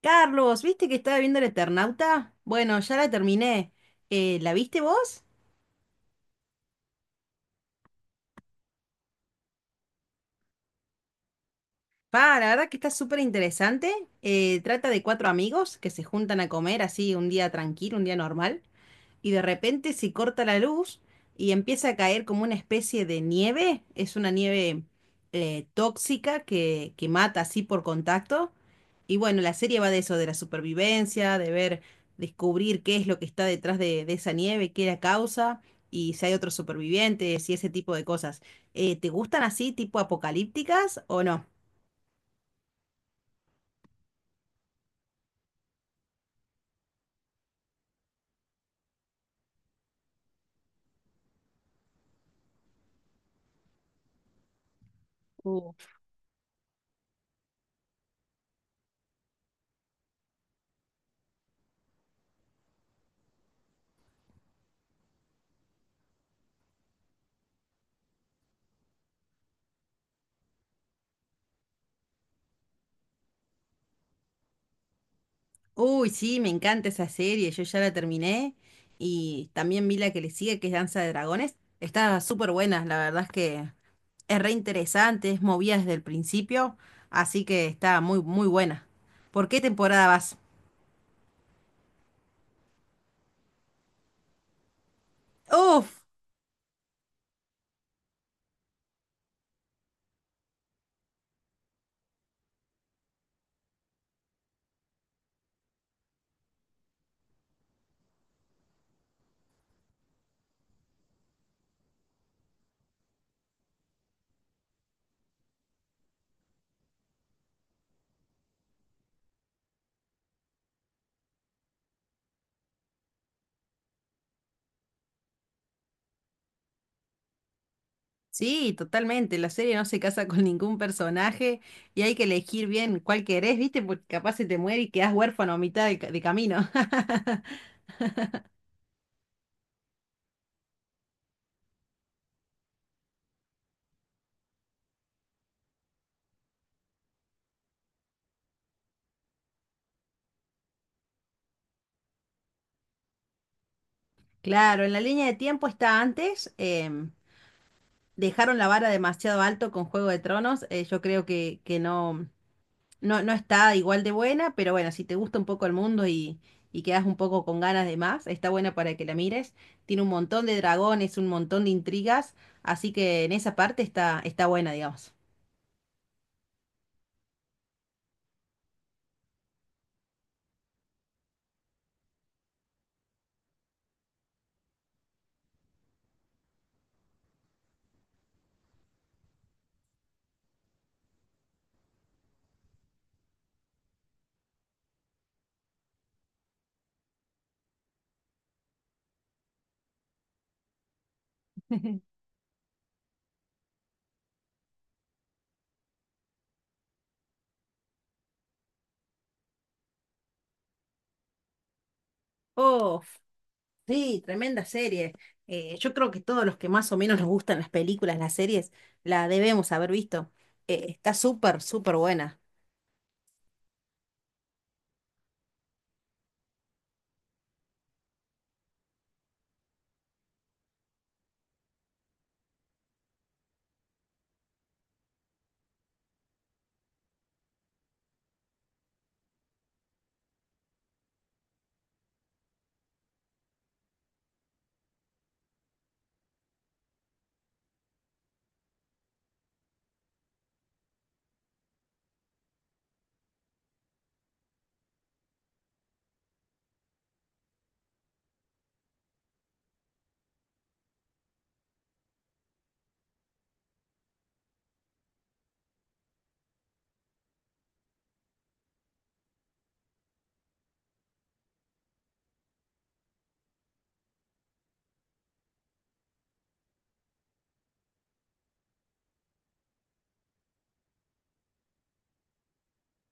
Carlos, ¿viste que estaba viendo El Eternauta? Bueno, ya la terminé. ¿La viste vos? Pa, la verdad que está súper interesante. Trata de cuatro amigos que se juntan a comer así un día tranquilo, un día normal. Y de repente se corta la luz y empieza a caer como una especie de nieve. Es una nieve tóxica que mata así por contacto. Y bueno, la serie va de eso, de la supervivencia, de ver, descubrir qué es lo que está detrás de esa nieve, qué la causa y si hay otros supervivientes y ese tipo de cosas. ¿Te gustan así, tipo apocalípticas o no? Uy, sí, me encanta esa serie, yo ya la terminé y también vi la que le sigue, que es Danza de Dragones. Está súper buena, la verdad es que es re interesante, es movida desde el principio, así que está muy, muy buena. ¿Por qué temporada vas? Uf, sí, totalmente, la serie no se casa con ningún personaje y hay que elegir bien cuál querés, ¿viste? Porque capaz se te muere y quedás huérfano a mitad de, ca- de camino. Claro, en la línea de tiempo está antes, dejaron la vara demasiado alto con Juego de Tronos. Yo creo que no, no, no está igual de buena, pero bueno, si te gusta un poco el mundo y quedas un poco con ganas de más, está buena para que la mires. Tiene un montón de dragones, un montón de intrigas, así que en esa parte está, está buena, digamos. Oh, sí, tremenda serie. Yo creo que todos los que más o menos nos gustan las películas, las series, la debemos haber visto. Está súper, súper buena.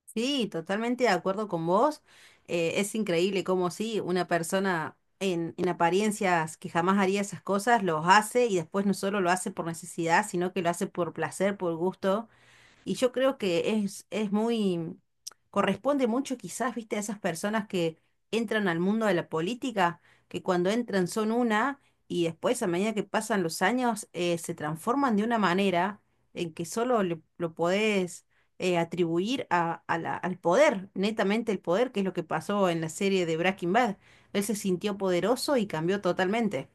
Sí, totalmente de acuerdo con vos. Es increíble cómo sí, una persona en apariencias que jamás haría esas cosas, los hace y después no solo lo hace por necesidad, sino que lo hace por placer, por gusto. Y yo creo que es muy, corresponde mucho quizás, viste, a esas personas que entran al mundo de la política, que cuando entran son una y después a medida que pasan los años se transforman de una manera en que solo le- lo podés atribuir a la- al poder, netamente el poder, que es lo que pasó en la serie de Breaking Bad. Él se sintió poderoso y cambió totalmente.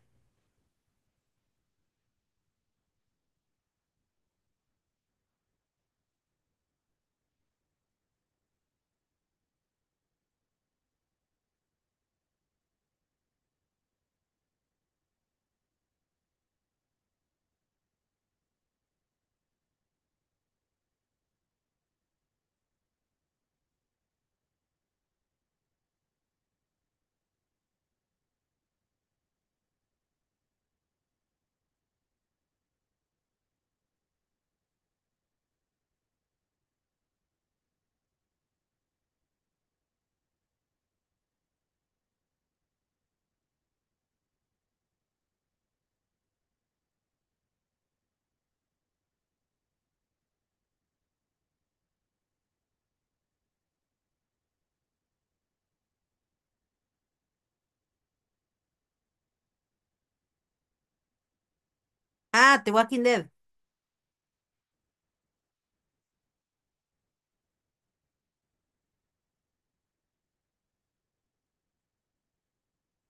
Ah, The Walking Dead.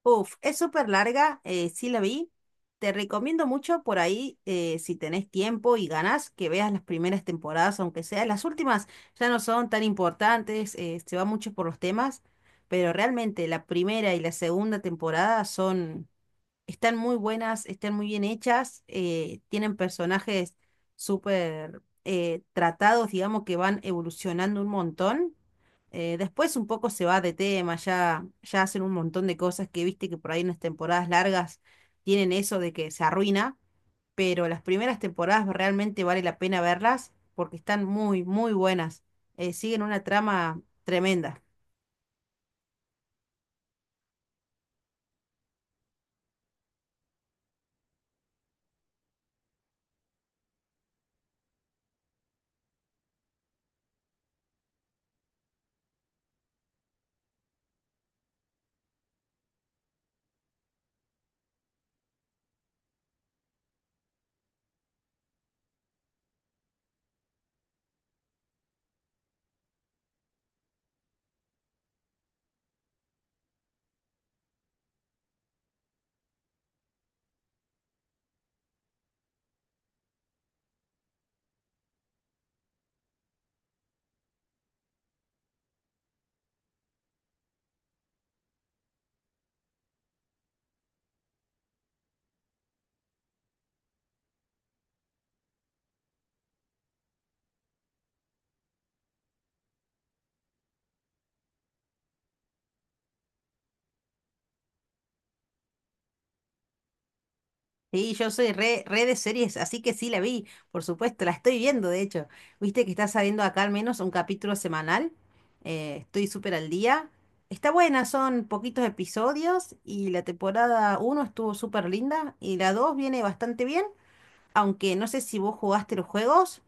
Uf, es súper larga, sí la vi. Te recomiendo mucho por ahí, si tenés tiempo y ganas, que veas las primeras temporadas, aunque sea. Las últimas ya no son tan importantes, se va mucho por los temas, pero realmente la primera y la segunda temporada son están muy buenas, están muy bien hechas, tienen personajes súper tratados, digamos, que van evolucionando un montón. Después un poco se va de tema, ya, ya hacen un montón de cosas que viste que por ahí en las temporadas largas tienen eso de que se arruina, pero las primeras temporadas realmente vale la pena verlas porque están muy, muy buenas. Siguen una trama tremenda. Sí, yo soy re, re de series, así que sí la vi, por supuesto, la estoy viendo, de hecho. Viste que está saliendo acá al menos un capítulo semanal, estoy súper al día. Está buena, son poquitos episodios y la temporada uno estuvo súper linda y la 2 viene bastante bien, aunque no sé si vos jugaste los juegos.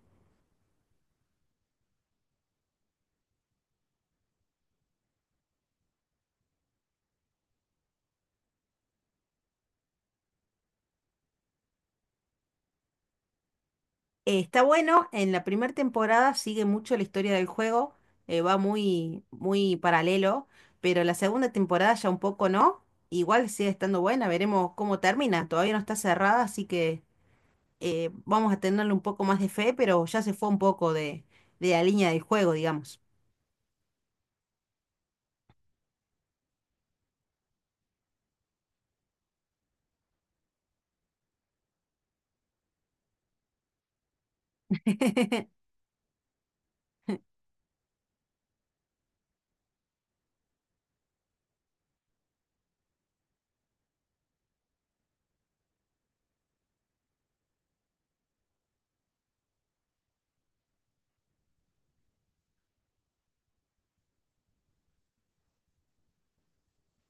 Está bueno, en la primera temporada sigue mucho la historia del juego, va muy, muy paralelo, pero la segunda temporada ya un poco no, igual sigue estando buena, veremos cómo termina, todavía no está cerrada, así que vamos a tenerle un poco más de fe, pero ya se fue un poco de la línea del juego, digamos.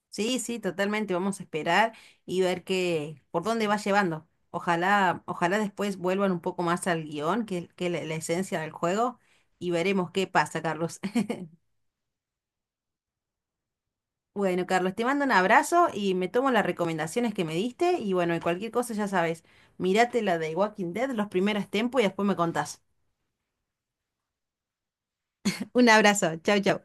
Sí, sí, totalmente. Vamos a esperar y ver qué, por dónde va llevando. Ojalá, ojalá después vuelvan un poco más al guión, que, es- que la esencia del juego, y veremos qué pasa, Carlos. Bueno, Carlos, te mando un abrazo y me tomo las recomendaciones que me diste. Y bueno, y cualquier cosa ya sabes, mirate la de Walking Dead, los primeros tiempos y después me contás. Un abrazo, chau, chau.